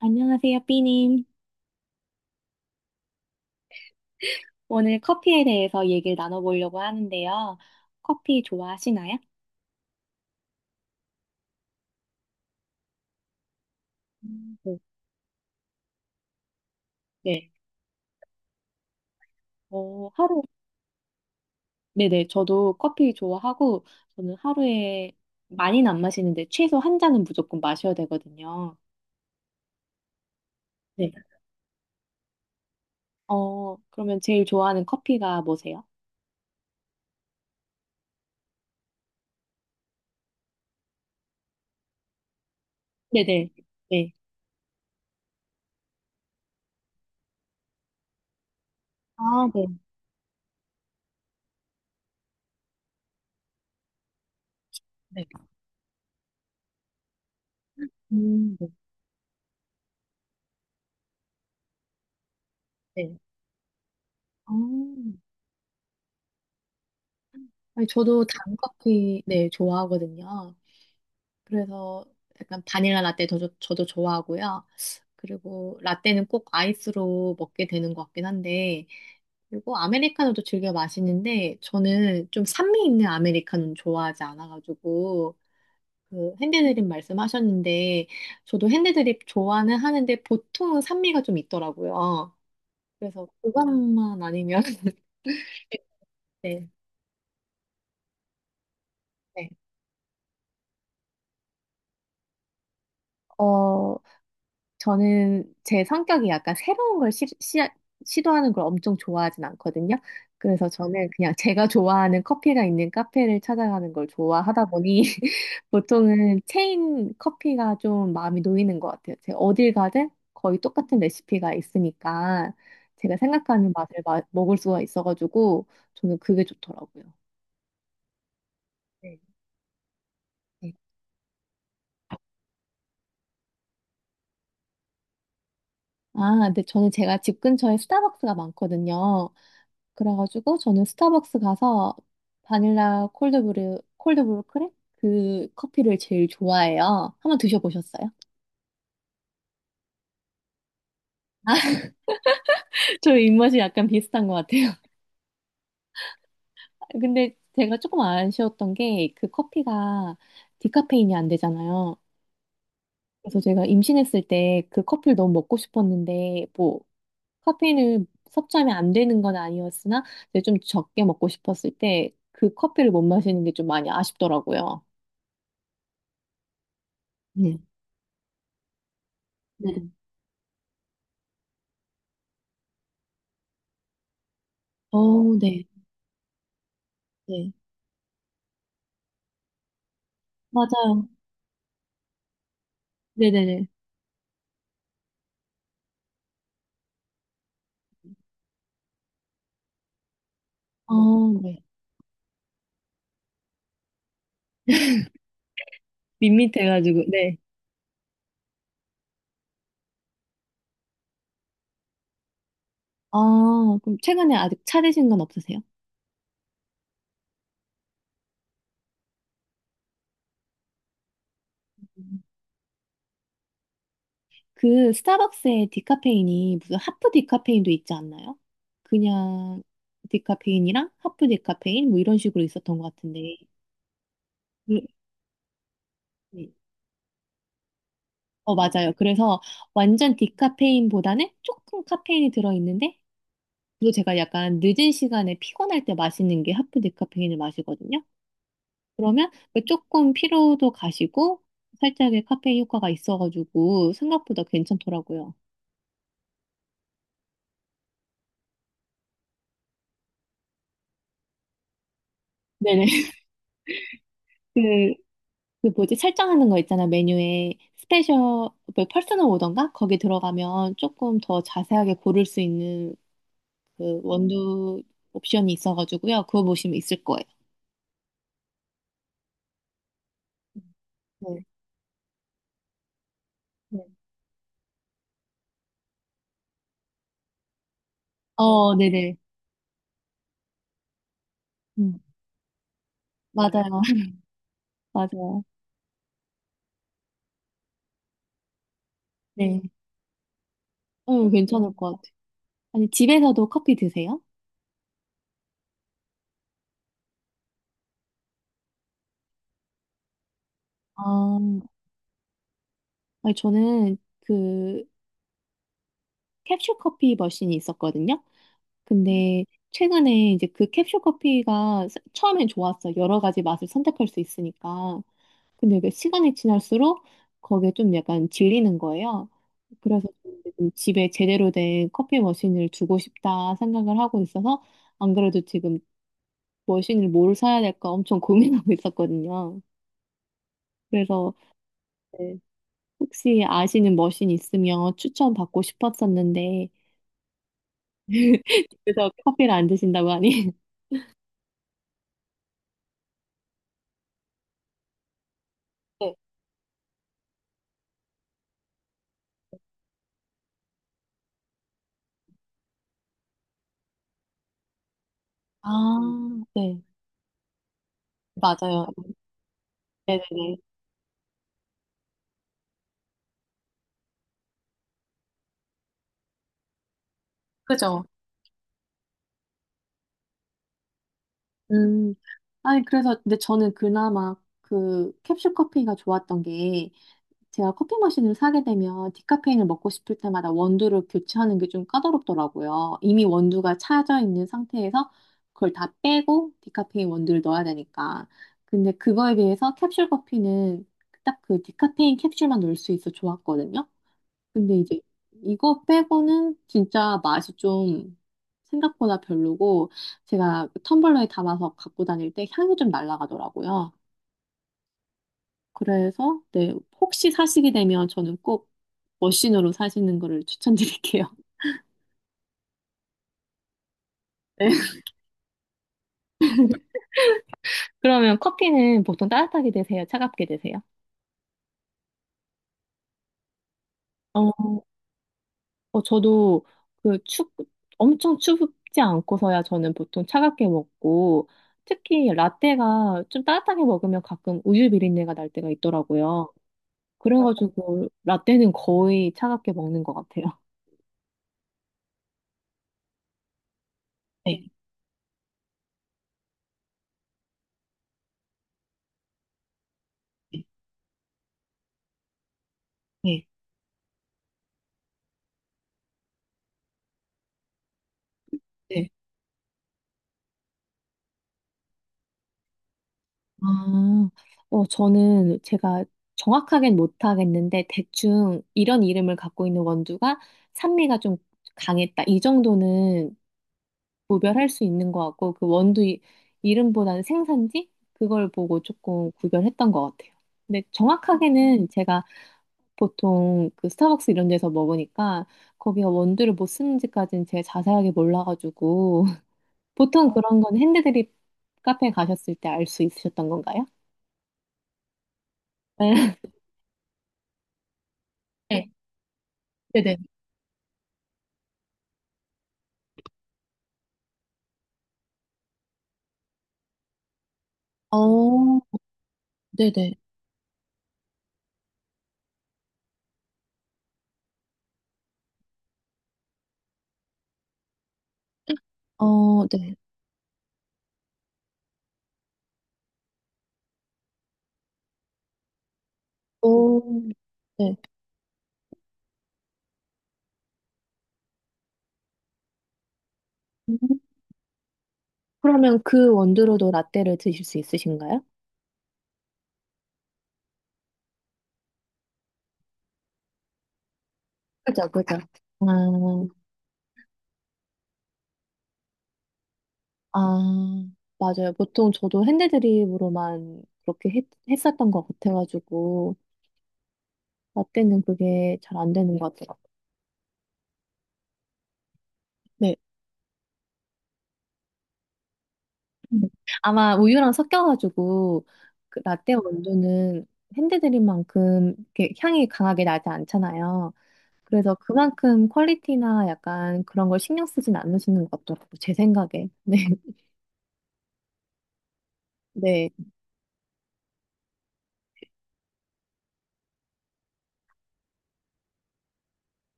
안녕하세요, 삐님. 오늘 커피에 대해서 얘기를 나눠보려고 하는데요. 커피 좋아하시나요? 네. 네. 하루, 네네. 저도 커피 좋아하고, 저는 하루에 많이는 안 마시는데, 최소 한 잔은 무조건 마셔야 되거든요. 네. 그러면 제일 좋아하는 커피가 뭐세요? 네네. 네. 아, 네. 네. 네. 네. 어, 아니, 저도 단커피, 네, 좋아하거든요. 그래서 약간 바닐라 라떼 저도 좋아하고요. 그리고 라떼는 꼭 아이스로 먹게 되는 것 같긴 한데, 그리고 아메리카노도 즐겨 마시는데, 저는 좀 산미 있는 아메리카노는 좋아하지 않아가지고, 그 핸드드립 말씀하셨는데, 저도 핸드드립 좋아는 하는데, 보통은 산미가 좀 있더라고요. 그래서 그것만 아니면, 네. 네. 어, 저는 제 성격이 약간 새로운 걸 시도하는 걸 엄청 좋아하진 않거든요. 그래서 저는 그냥 제가 좋아하는 커피가 있는 카페를 찾아가는 걸 좋아하다 보니 보통은 체인 커피가 좀 마음이 놓이는 것 같아요. 제가 어딜 가든 거의 똑같은 레시피가 있으니까 제가 생각하는 맛을 먹을 수가 있어가지고 저는 그게 좋더라고요. 네. 네. 아, 근데 저는 제가 집 근처에 스타벅스가 많거든요. 그래가지고 저는 스타벅스 가서 바닐라 콜드브루, 콜드브루 크랩? 그 커피를 제일 좋아해요. 한번 드셔보셨어요? 저희 입맛이 약간 비슷한 것 같아요. 근데 제가 조금 아쉬웠던 게 그 커피가 디카페인이 안 되잖아요. 그래서 제가 임신했을 때 그 커피를 너무 먹고 싶었는데 뭐 카페인을 섭취하면 안 되는 건 아니었으나 이제 좀 적게 먹고 싶었을 때 그 커피를 못 마시는 게 좀 많이 아쉽더라고요. 네. 네. 어, 네. 네. 맞아요. 네네네. 아, 네. 네. 밋밋해가지고, 네. 아, 그럼 최근에 아직 차 드신 건 없으세요? 음. 그 스타벅스의 디카페인이 무슨 하프 디카페인도 있지 않나요? 그냥 디카페인이랑 하프 디카페인 뭐 이런 식으로 있었던 것 같은데. 그- 네. 맞아요. 그래서 완전 디카페인보다는 조금 카페인이 들어있는데, 또 제가 약간 늦은 시간에 피곤할 때 마시는 게 하프 디카페인을 마시거든요. 그러면 그 조금 피로도 가시고 살짝의 카페인 효과가 있어가지고 생각보다 괜찮더라고요. 네네. 그, 그 뭐지? 설정하는 거 있잖아. 메뉴에 스페셜, 뭐 퍼스널 오던가? 거기 들어가면 조금 더 자세하게 고를 수 있는 그 원두 옵션이 있어가지고요. 그거 보시면 있을 거예요. 네. 네. 네. 어, 네네. 음, 맞아요. 맞아요. 네. 괜찮을 것 같아요. 아니, 집에서도 커피 드세요? 아, 아니, 저는 그 캡슐 커피 머신이 있었거든요. 근데 최근에 이제 그 캡슐 커피가 처음엔 좋았어요. 여러 가지 맛을 선택할 수 있으니까. 근데 이게 시간이 지날수록 거기에 좀 약간 질리는 거예요. 그래서 좀 이제 좀 집에 제대로 된 커피 머신을 두고 싶다 생각을 하고 있어서 안 그래도 지금 머신을 뭘 사야 될까 엄청 고민하고 있었거든요. 그래서 네, 혹시 아시는 머신 있으면 추천 받고 싶었었는데 그래서 커피를 안 드신다고 하니 아, 네. 맞아요. 네네네. 그죠? 음. 아니, 그래서, 근데 저는 그나마 그 캡슐 커피가 좋았던 게 제가 커피 머신을 사게 되면 디카페인을 먹고 싶을 때마다 원두를 교체하는 게 좀 까다롭더라고요. 이미 원두가 차져 있는 상태에서 그걸 다 빼고 디카페인 원두를 넣어야 되니까. 근데 그거에 비해서 캡슐 커피는 딱 그 디카페인 캡슐만 넣을 수 있어 좋았거든요. 근데 이제 이거 빼고는 진짜 맛이 좀 생각보다 별로고 제가 그 텀블러에 담아서 갖고 다닐 때 향이 좀 날아가더라고요. 그래서 네, 혹시 사시게 되면 저는 꼭 머신으로 사시는 거를 추천드릴게요. 네. 그러면 커피는 보통 따뜻하게 드세요? 차갑게 드세요? 어, 저도 그 추, 엄청 추지 않고서야 저는 보통 차갑게 먹고, 특히 라떼가 좀 따뜻하게 먹으면 가끔 우유 비린내가 날 때가 있더라고요. 그래가지고 라떼는 거의 차갑게 먹는 것 같아요. 네. 네, 네, 네, 네. 아, 저는 제가 정확하게는 못하겠는데, 대충 이런 이름을 갖고 있는 원두가 산미가 좀 강했다. 이 정도는 구별할 수 있는 것 같고 그 원두 이름보다는 생산지 그걸 보고 조금 구별했던 것 같아요. 근데 정확하게는 제가 보통 그 스타벅스 이런 데서 먹으니까 거기가 원두를 뭐 쓰는지까지는 제가 자세하게 몰라가지고 보통 그런 건 핸드드립 카페 가셨을 때 알 수 있으셨던 건가요? 네, 네, 네네. 어, 네네. 어, 네. 오, 네. 음. 그러면 그 원두로도 라떼를 드실 수 있으신가요? 그죠, 그죠. 아, 아, 맞아요. 보통 저도 핸드드립으로만 그렇게 했었던 것 같아가지고, 라떼는 그게 잘 안 되는 것 같아요. 네. 음. 아마 우유랑 섞여가지고, 그 라떼 원두는 핸드드립만큼 이렇게 향이 강하게 나지 않잖아요. 그래서 그만큼 퀄리티나 약간 그런 걸 신경 쓰진 않으시는 것 같더라고요. 제 생각에. 네. 네.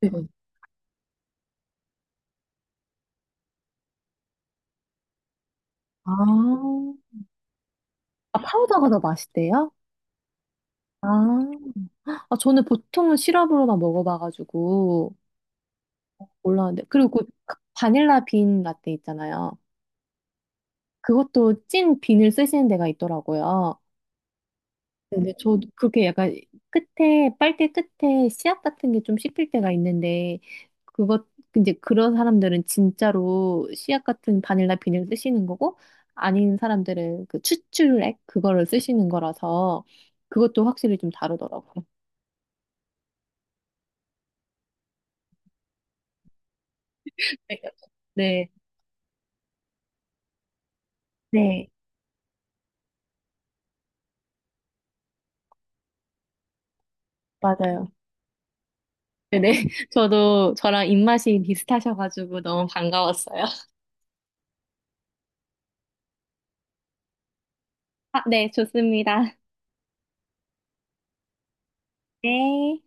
네. 아, 아, 파우더가 더 맛있대요? 아. 아, 저는 보통은 시럽으로만 먹어봐가지고 몰랐는데 그리고 그 바닐라 빈 라떼 있잖아요. 그것도 찐 빈을 쓰시는 데가 있더라고요. 근데 저도 그게 약간 끝에 빨대 끝에 씨앗 같은 게 좀 씹힐 때가 있는데 그것 이제 그런 사람들은 진짜로 씨앗 같은 바닐라 빈을 쓰시는 거고 아닌 사람들은 그 추출액 그거를 쓰시는 거라서 그것도 확실히 좀 다르더라고요. 네, 네, 맞아요. 네네. 저도 저랑 입맛이 비슷하셔가지고 너무 반가웠어요. 아, 네, 좋습니다. 네.